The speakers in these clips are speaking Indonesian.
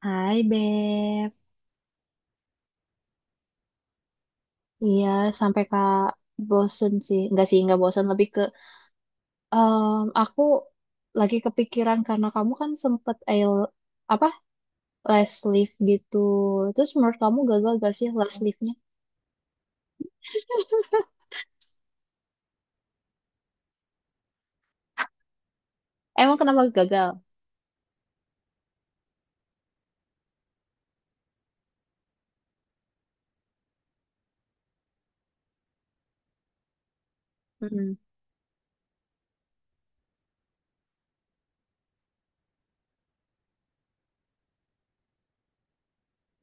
Hai Beb. Iya, sampai kak bosen sih nggak bosen, lebih ke aku lagi kepikiran karena kamu kan sempet ail apa last lift gitu, terus menurut kamu gagal gak sih last liftnya? Emang kenapa gagal? Mm-mm.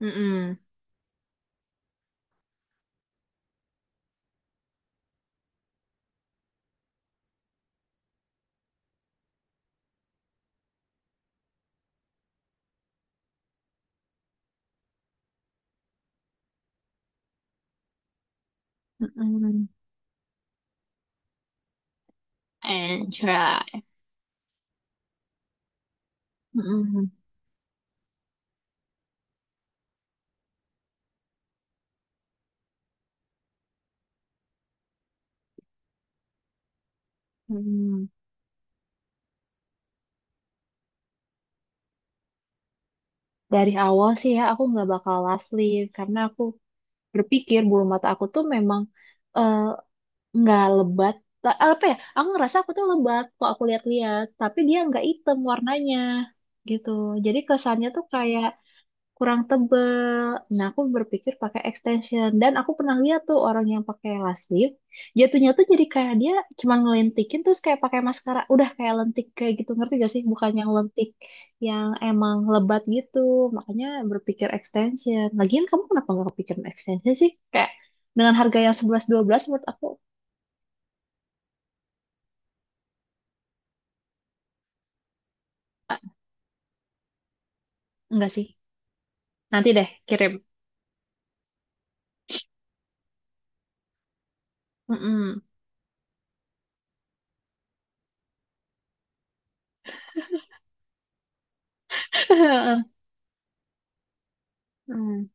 Mm-mm. Mm-mm. And try. Mm-mm. Mm-mm. Dari awal sih ya aku nggak bakal last leave karena aku berpikir bulu mata aku tuh memang ehm, nggak lebat. Apa ya, aku ngerasa aku tuh lebat kok, aku lihat-lihat, tapi dia nggak hitam warnanya gitu, jadi kesannya tuh kayak kurang tebel. Nah, aku berpikir pakai extension, dan aku pernah lihat tuh orang yang pakai lash lift, jatuhnya tuh jadi kayak dia cuma ngelentikin terus kayak pakai maskara, udah kayak lentik kayak gitu, ngerti gak sih, bukan yang lentik yang emang lebat gitu. Makanya berpikir extension, lagian kamu kenapa nggak kepikiran extension sih, kayak dengan harga yang sebelas dua belas menurut aku. Enggak sih. Nanti deh kirim. Mm-mm. Hmm.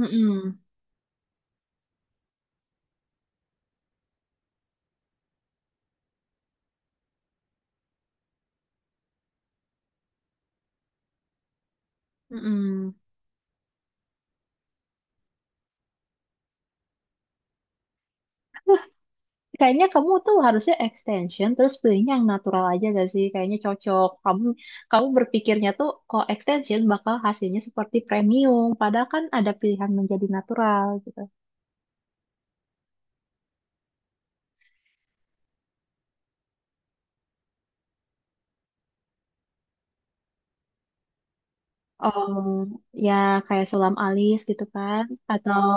Mm-mm. Mm-mm. Wah, kayaknya kamu tuh harusnya extension terus pilihnya yang natural aja gak sih? Kayaknya cocok. Kamu kamu berpikirnya tuh kalau extension bakal hasilnya seperti premium, padahal kan ada pilihan menjadi natural gitu. Oh, ya, kayak sulam alis gitu kan, atau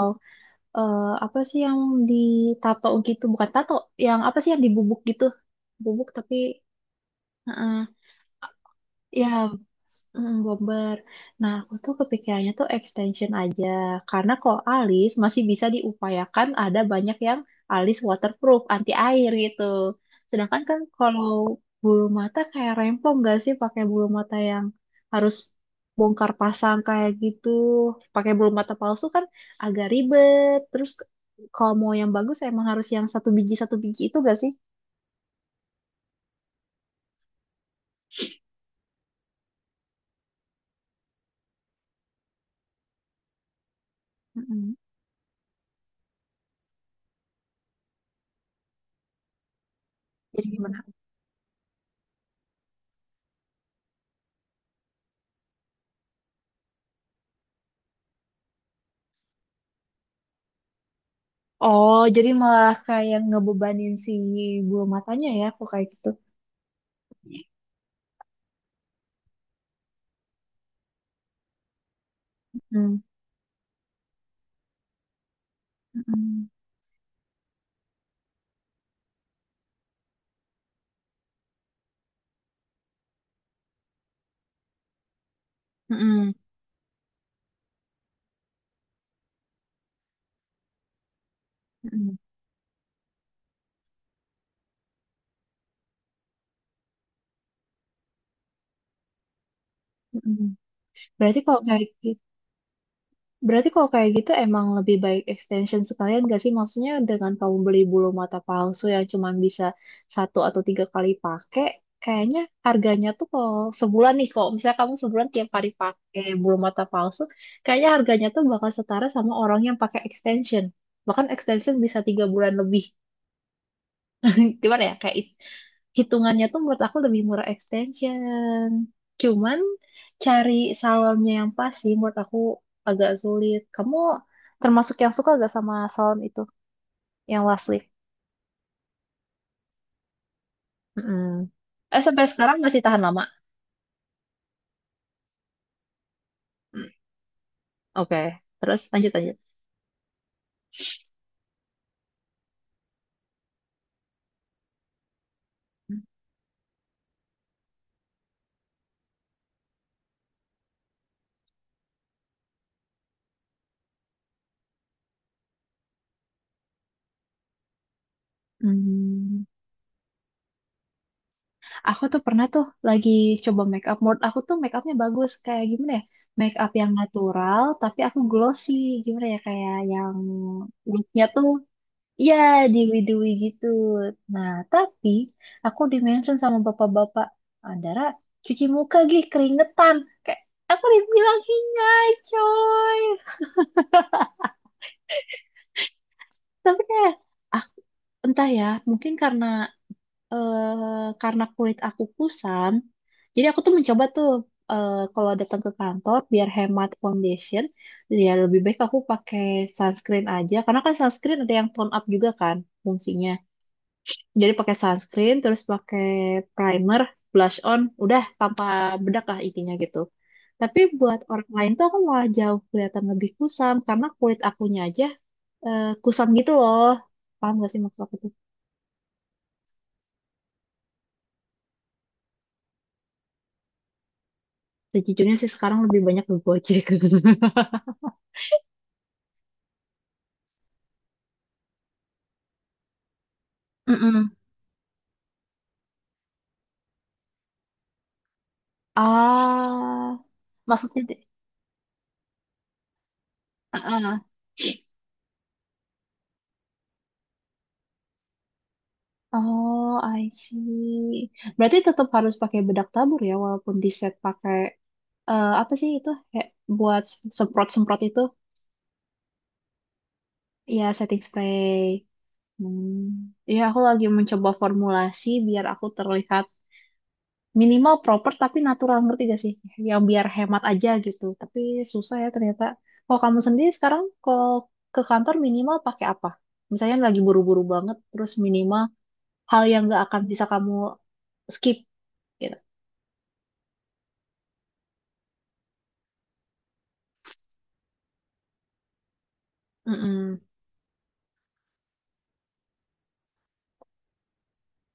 eh, apa sih yang ditato gitu? Bukan tato, yang apa sih yang dibubuk gitu? Bubuk tapi... Ya, bomber. Nah, aku tuh kepikirannya tuh extension aja. Karena kalau alis masih bisa diupayakan, ada banyak yang alis waterproof, anti air gitu. Sedangkan kan kalau bulu mata kayak rempong gak sih pakai bulu mata yang harus bongkar pasang kayak gitu. Pakai bulu mata palsu kan agak ribet. Terus kalau mau yang bagus emang harus yang satu biji itu gak sih? Mm-mm. Jadi gimana? Oh, jadi malah kayak ngebebanin si bulu matanya ya, kok kayak gitu. Hmm. Mm-mm. Mm-mm. Mm-mm. Mm-mm. Berarti kalau kayak gitu, berarti kalau kayak gitu emang lebih baik extension sekalian gak sih? Maksudnya dengan kamu beli bulu mata palsu yang cuma bisa satu atau tiga kali pakai, kayaknya harganya tuh kalau sebulan nih, kalau misalnya kamu sebulan tiap kali pakai bulu mata palsu, kayaknya harganya tuh bakal setara sama orang yang pakai extension. Bahkan extension bisa 3 bulan lebih. Gimana ya, kayak hitungannya tuh menurut aku lebih murah extension, cuman cari salonnya yang pas sih, menurut aku agak sulit. Kamu termasuk yang suka gak sama salon itu yang last lift? Mm-mm. Eh, sampai sekarang masih tahan lama. Mm, oke, terus lanjut lanjut. Hmm, aku tuh pernah tuh lagi coba make up. Menurut aku tuh make upnya bagus. Kayak gimana ya? Make up yang natural, tapi aku glossy. Gimana ya? Kayak yang looknya tuh. Ya, diwi-diwi gitu. Nah, tapi aku dimention sama bapak-bapak. Andara, cuci muka gih, keringetan. Kayak, aku dibilang hingai, coy. Tapi kayak, aku, entah ya, mungkin karena karena kulit aku kusam. Jadi aku tuh mencoba tuh, kalau datang ke kantor, biar hemat foundation, ya lebih baik aku pakai sunscreen aja. Karena kan sunscreen ada yang tone up juga kan, fungsinya. Jadi pakai sunscreen, terus pakai primer, blush on, udah tanpa bedak lah intinya gitu. Tapi buat orang lain tuh aku malah jauh kelihatan lebih kusam karena kulit akunya aja kusam gitu loh. Paham gak sih maksud aku tuh? Sejujurnya sih sekarang lebih banyak ke Gojek. Mm-mm. Ah, maksudnya deh. Ah, ah. Oh, I see. Berarti tetap harus pakai bedak tabur ya, walaupun di set pakai apa sih itu? Kayak buat semprot-semprot itu. Iya, setting spray. Hmm. Iya, aku lagi mencoba formulasi biar aku terlihat minimal proper tapi natural, ngerti gak sih? Yang biar hemat aja gitu. Tapi susah ya ternyata. Kalau kamu sendiri sekarang kalau ke kantor minimal pakai apa? Misalnya lagi buru-buru banget, terus minimal hal yang gak akan bisa kamu skip gitu. Mm-mm.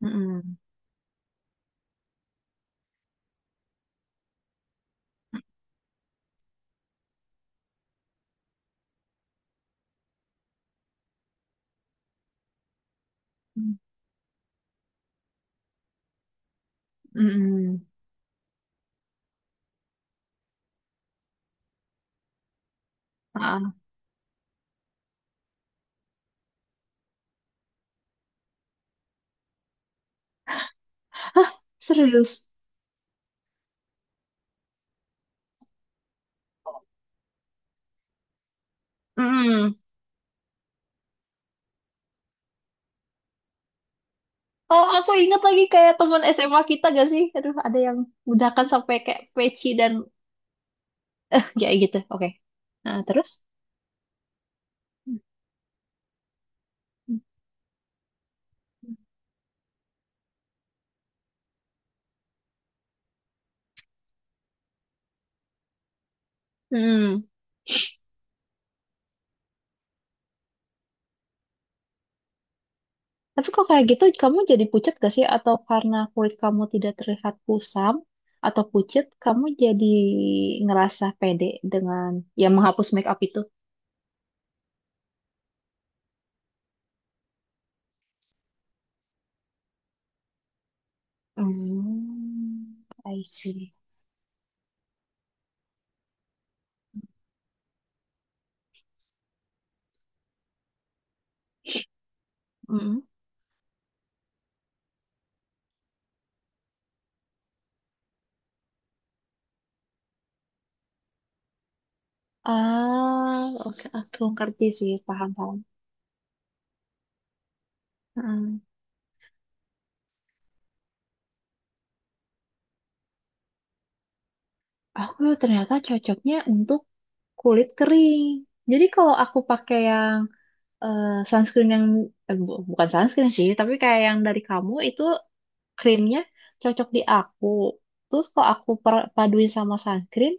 Mm-mm. Mm-mm. Ah. Hah, serius? Mm-mm. Oh, aku ingat lagi kayak teman SMA kita gak sih? Aduh, ada yang udakan sampai kayak peci dan kayak gitu. Oke. Nah, terus? Hmm. Tapi kok kayak gitu kamu jadi pucat gak sih? Atau karena kulit kamu tidak terlihat kusam atau pucat, kamu jadi ngerasa pede dengan ya menghapus make up itu? Hmm, I see. Mm-mm. Ah, oke, aku ngerti sih, paham-paham. Aku ternyata cocoknya untuk kulit kering. Jadi kalau aku pakai yang sunscreen yang bukan sunscreen sih, tapi kayak yang dari kamu itu krimnya cocok di aku. Terus kalau aku paduin sama sunscreen,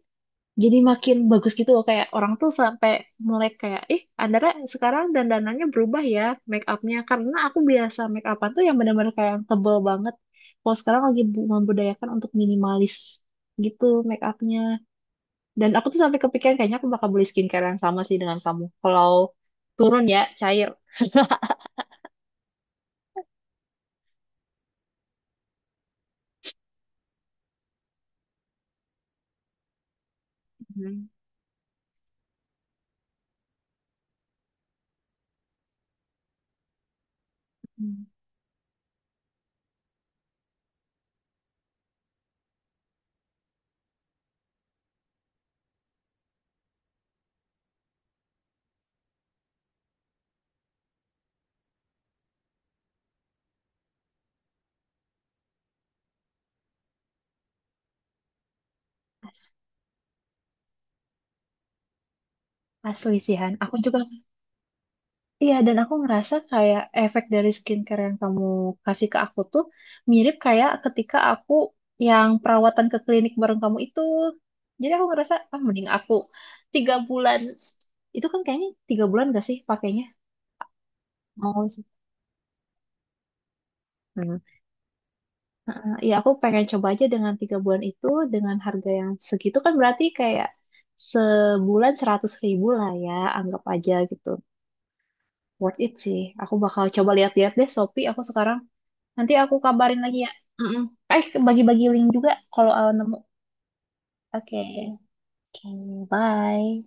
jadi makin bagus gitu loh. Kayak orang tuh sampai mulai kayak, ih, Andara sekarang dandanannya berubah ya make upnya. Karena aku biasa make upan tuh yang benar-benar kayak yang tebel banget. Kalau sekarang lagi membudayakan untuk minimalis gitu make upnya. Dan aku tuh sampai kepikiran kayaknya aku bakal beli skincare yang sama sih dengan kamu. Kalau turun ya, cair. Hmm. Hmm. As- Asli sih Han. Aku juga iya, dan aku ngerasa kayak efek dari skincare yang kamu kasih ke aku tuh mirip kayak ketika aku yang perawatan ke klinik bareng kamu itu. Jadi aku ngerasa ah mending aku 3 bulan, itu kan kayaknya 3 bulan gak sih pakainya? Mau sih. Ya, aku pengen coba aja dengan 3 bulan itu, dengan harga yang segitu kan berarti kayak sebulan 100 ribu lah ya, anggap aja gitu. Worth it sih. Aku bakal coba lihat-lihat deh Shopee aku sekarang. Nanti aku kabarin lagi ya. Mm-mm. Eh, bagi-bagi link juga kalau nemu. Oke. Oke, bye.